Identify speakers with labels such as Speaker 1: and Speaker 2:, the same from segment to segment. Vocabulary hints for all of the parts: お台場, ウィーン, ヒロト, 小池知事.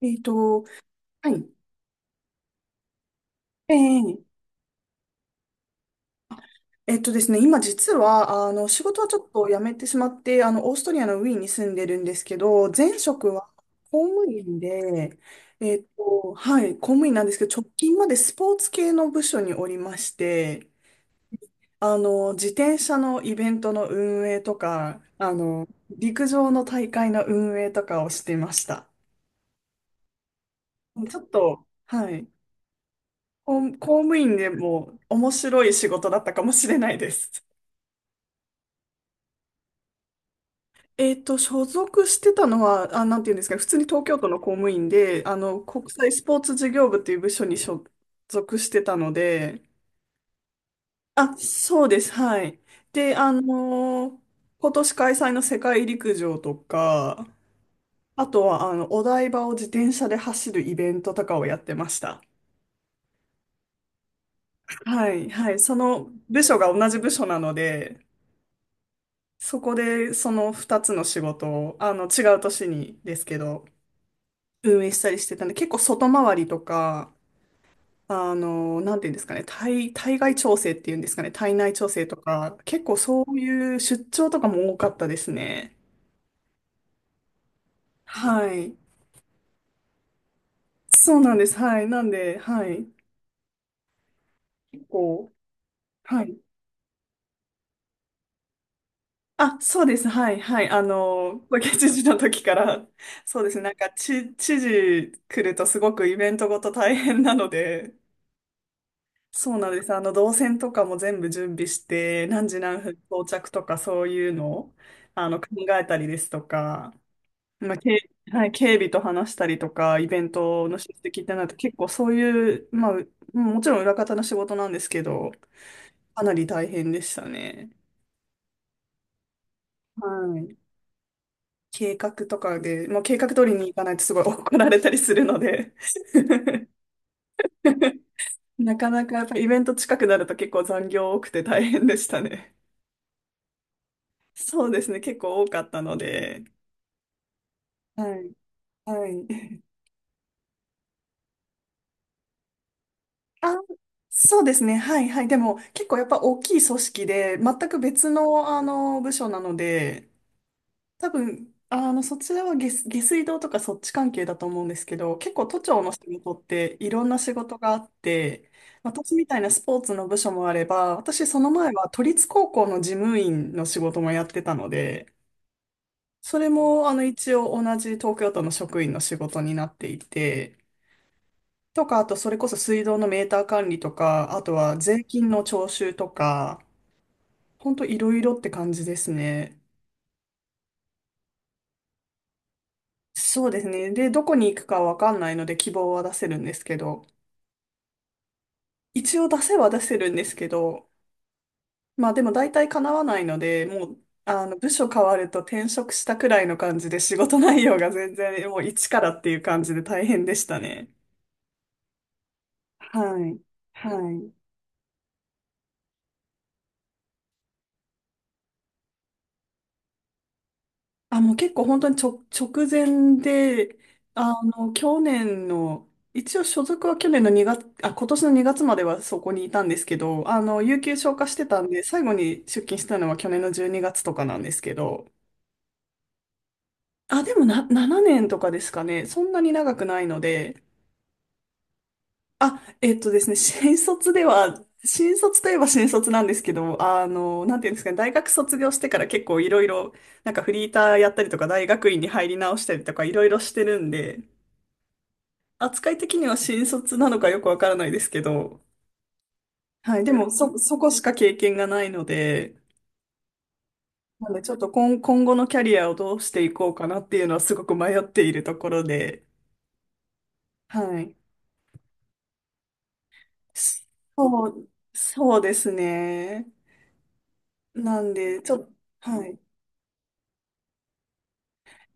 Speaker 1: えっと、はい。えええっとですね、今実は、仕事はちょっと辞めてしまって、オーストリアのウィーンに住んでるんですけど、前職は公務員で、はい、公務員なんですけど、直近までスポーツ系の部署におりまして、自転車のイベントの運営とか、陸上の大会の運営とかをしてました。ちょっと、はい、公務員でも面白い仕事だったかもしれないです。所属してたのは、あ、なんていうんですかね、普通に東京都の公務員で、国際スポーツ事業部っていう部署に所属してたので、あ、そうです、はい。で、ー今年開催の世界陸上とか、あとは、お台場を自転車で走るイベントとかをやってました。はい、はい。その部署が同じ部署なので、そこでその2つの仕事を、違う年にですけど、運営したりしてたんで、結構外回りとか、なんていうんですかね、対外調整っていうんですかね、体内調整とか、結構そういう出張とかも多かったですね。はい。そうなんです。はい。なんで、はい。結構、はい。あ、そうです。はい。はい。小池知事の時から、そうですね。なんか、知事来るとすごくイベントごと大変なので、そうなんです。動線とかも全部準備して、何時何分到着とかそういうのを、考えたりですとか、まあ、はい、警備と話したりとか、イベントの出席ってなると結構そういう、まあ、もちろん裏方の仕事なんですけど、かなり大変でしたね。はい。計画とかで、もう計画通りに行かないとすごい怒られたりするので、 なかなかやっぱイベント近くなると結構残業多くて大変でしたね。そうですね。結構多かったので。はい。はい。あ、そうですね。はい。はい。でも、結構やっぱ大きい組織で、全く別の、部署なので、多分、そちらは下水道とかそっち関係だと思うんですけど、結構都庁の仕事っていろんな仕事があって、私みたいなスポーツの部署もあれば、私その前は都立高校の事務員の仕事もやってたので、それも、一応同じ東京都の職員の仕事になっていて、とか、あとそれこそ水道のメーター管理とか、あとは税金の徴収とか、ほんといろいろって感じですね。そうですね。で、どこに行くかわかんないので希望は出せるんですけど、一応出せは出せるんですけど、まあでも大体叶わないので、もう、部署変わると転職したくらいの感じで仕事内容が全然もう一からっていう感じで大変でしたね。はい。はい。あ、もう結構本当に直前で、去年の、一応所属は去年の2月、あ、今年の2月まではそこにいたんですけど、有給消化してたんで、最後に出勤したのは去年の12月とかなんですけど、あ、でもな、7年とかですかね、そんなに長くないので、あ、えっとですね、新卒では、新卒といえば新卒なんですけど、なんていうんですかね、大学卒業してから結構いろいろ、なんかフリーターやったりとか、大学院に入り直したりとか、いろいろしてるんで、扱い的には新卒なのかよくわからないですけど、はい。でも、そこしか経験がないので、なので、ちょっと今後のキャリアをどうしていこうかなっていうのはすごく迷っているところで、はい。そう、そうですね。なんで、ちょっと、はい。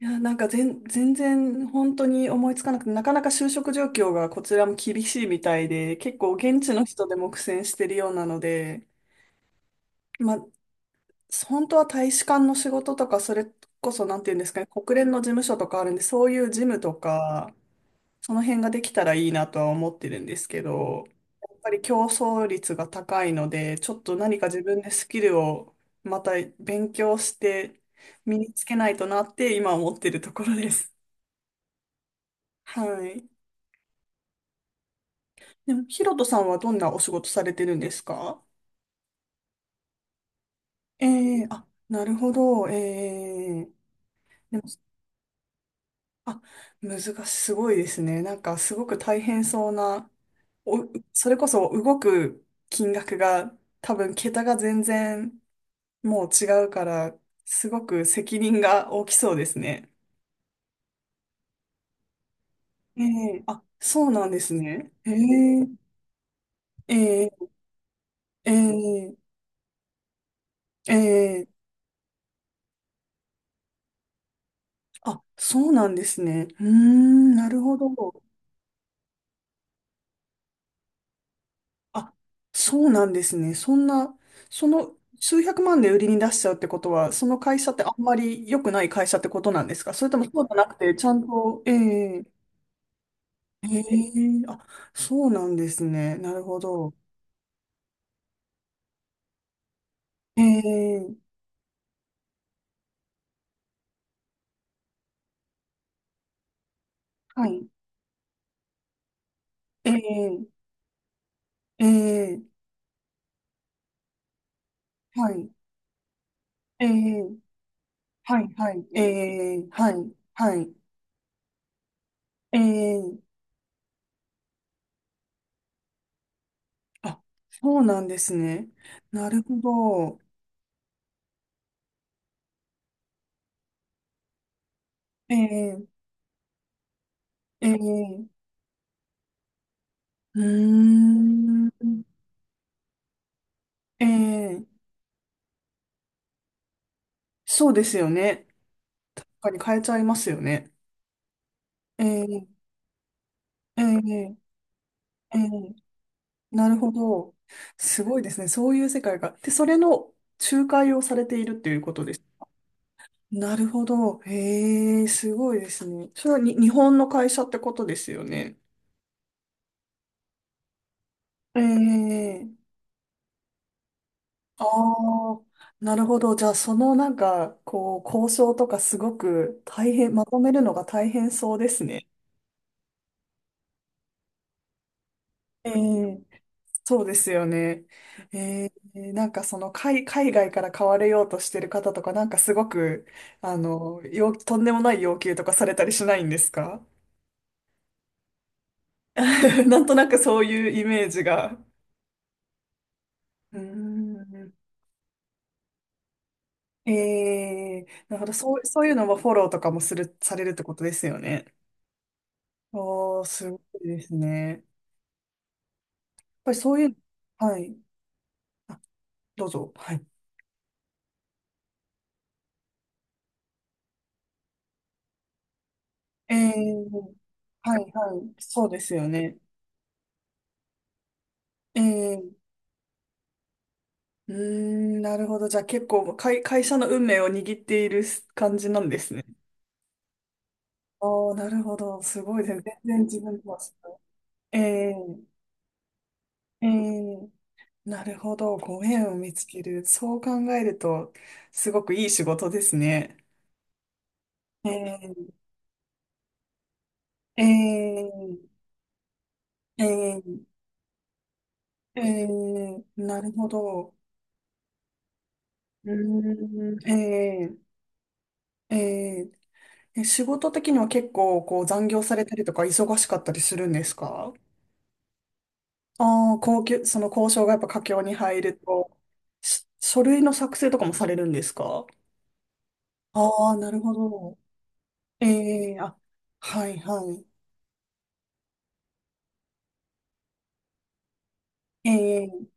Speaker 1: いや、なんか全然本当に思いつかなくて、なかなか就職状況がこちらも厳しいみたいで、結構現地の人でも苦戦してるようなので、まあ、本当は大使館の仕事とか、それこそ、なんていうんですかね、国連の事務所とかあるんで、そういう事務とか、その辺ができたらいいなとは思ってるんですけど、やっぱり競争率が高いので、ちょっと何か自分でスキルをまた勉強して身につけないとなって今思ってるところです。はい。でも、ヒロトさんはどんなお仕事されてるんですか？ええー、あ、なるほど。ええ、あ、難しい、すごいですね。なんかすごく大変そうな、お、それこそ動く金額が多分桁が全然もう違うから、すごく責任が大きそうですね。ええ、あ、そうなんですね。ええええええええ、あ、そうなんですね。うーん、なるほど。あ、そうなんですね。そんな、その数百万で売りに出しちゃうってことは、その会社ってあんまり良くない会社ってことなんですか？それともそうじゃなくて、ちゃんと、ええええ、あ、そうなんですね。なるほど。ええ、はい。ええええ、はい。ええ、はい、はい。ええ、はい、はい。ええ、あ、そうなんですね。なるほど。ええええ、うーん。ええ、そうですよね。他に変えちゃいますよね。ええええええ、なるほど。すごいですね。そういう世界が。で、それの仲介をされているっていうことです。なるほど。へえ、すごいですね。それはに日本の会社ってことですよね？ええ、ああ、なるほど。じゃあ、そのなんか、こう、交渉とかすごく大変、まとめるのが大変そうですね。ええ、そうですよね。なんかその海外から買われようとしてる方とか、なんかすごく、とんでもない要求とかされたりしないんですか？ なんとなくそういうイメージが。うーん。なるほど。そういうのもフォローとかもする、されるってことですよね。おー、すごいですね。やっぱりそういう、はい。あ、どうぞ。はい。えー、はい、はい。そうですよね。えーうーん、なるほど。じゃあ結構会社の運命を握っている感じなんですね。ああ、なるほど。すごいですね。全然自分とは違う。ええええ、なるほど。ご縁を見つける。そう考えると、すごくいい仕事ですね。えええええええー、なるほど。うーん、えええええ、仕事的には結構こう残業されたりとか忙しかったりするんですか？ああ、高級、その交渉がやっぱ佳境に入ると、書類の作成とかもされるんですか？ああー、なるほど。ええ、あ、はいはい。ええ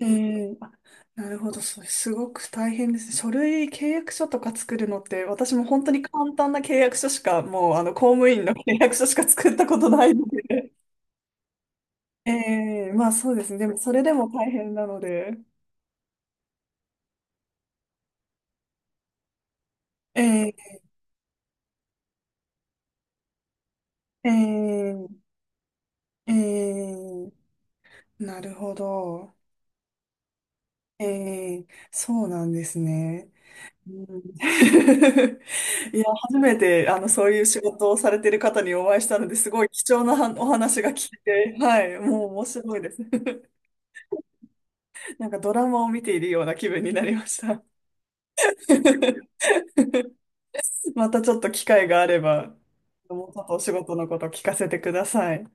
Speaker 1: ええ、あ、なるほど。それすごく大変ですね。書類、契約書とか作るのって、私も本当に簡単な契約書しか、もう、公務員の契約書しか作ったことないので。ええ、まあそうですね。でも、それでも大変なので。ええええええ、なるほど。ええ、そうなんですね。うん、 いや、初めて、そういう仕事をされてる方にお会いしたので、すごい貴重なはお話が聞いて、はい、もう面白いです。なんかドラマを見ているような気分になりました。またちょっと機会があれば、もうちょっとお仕事のことを聞かせてください。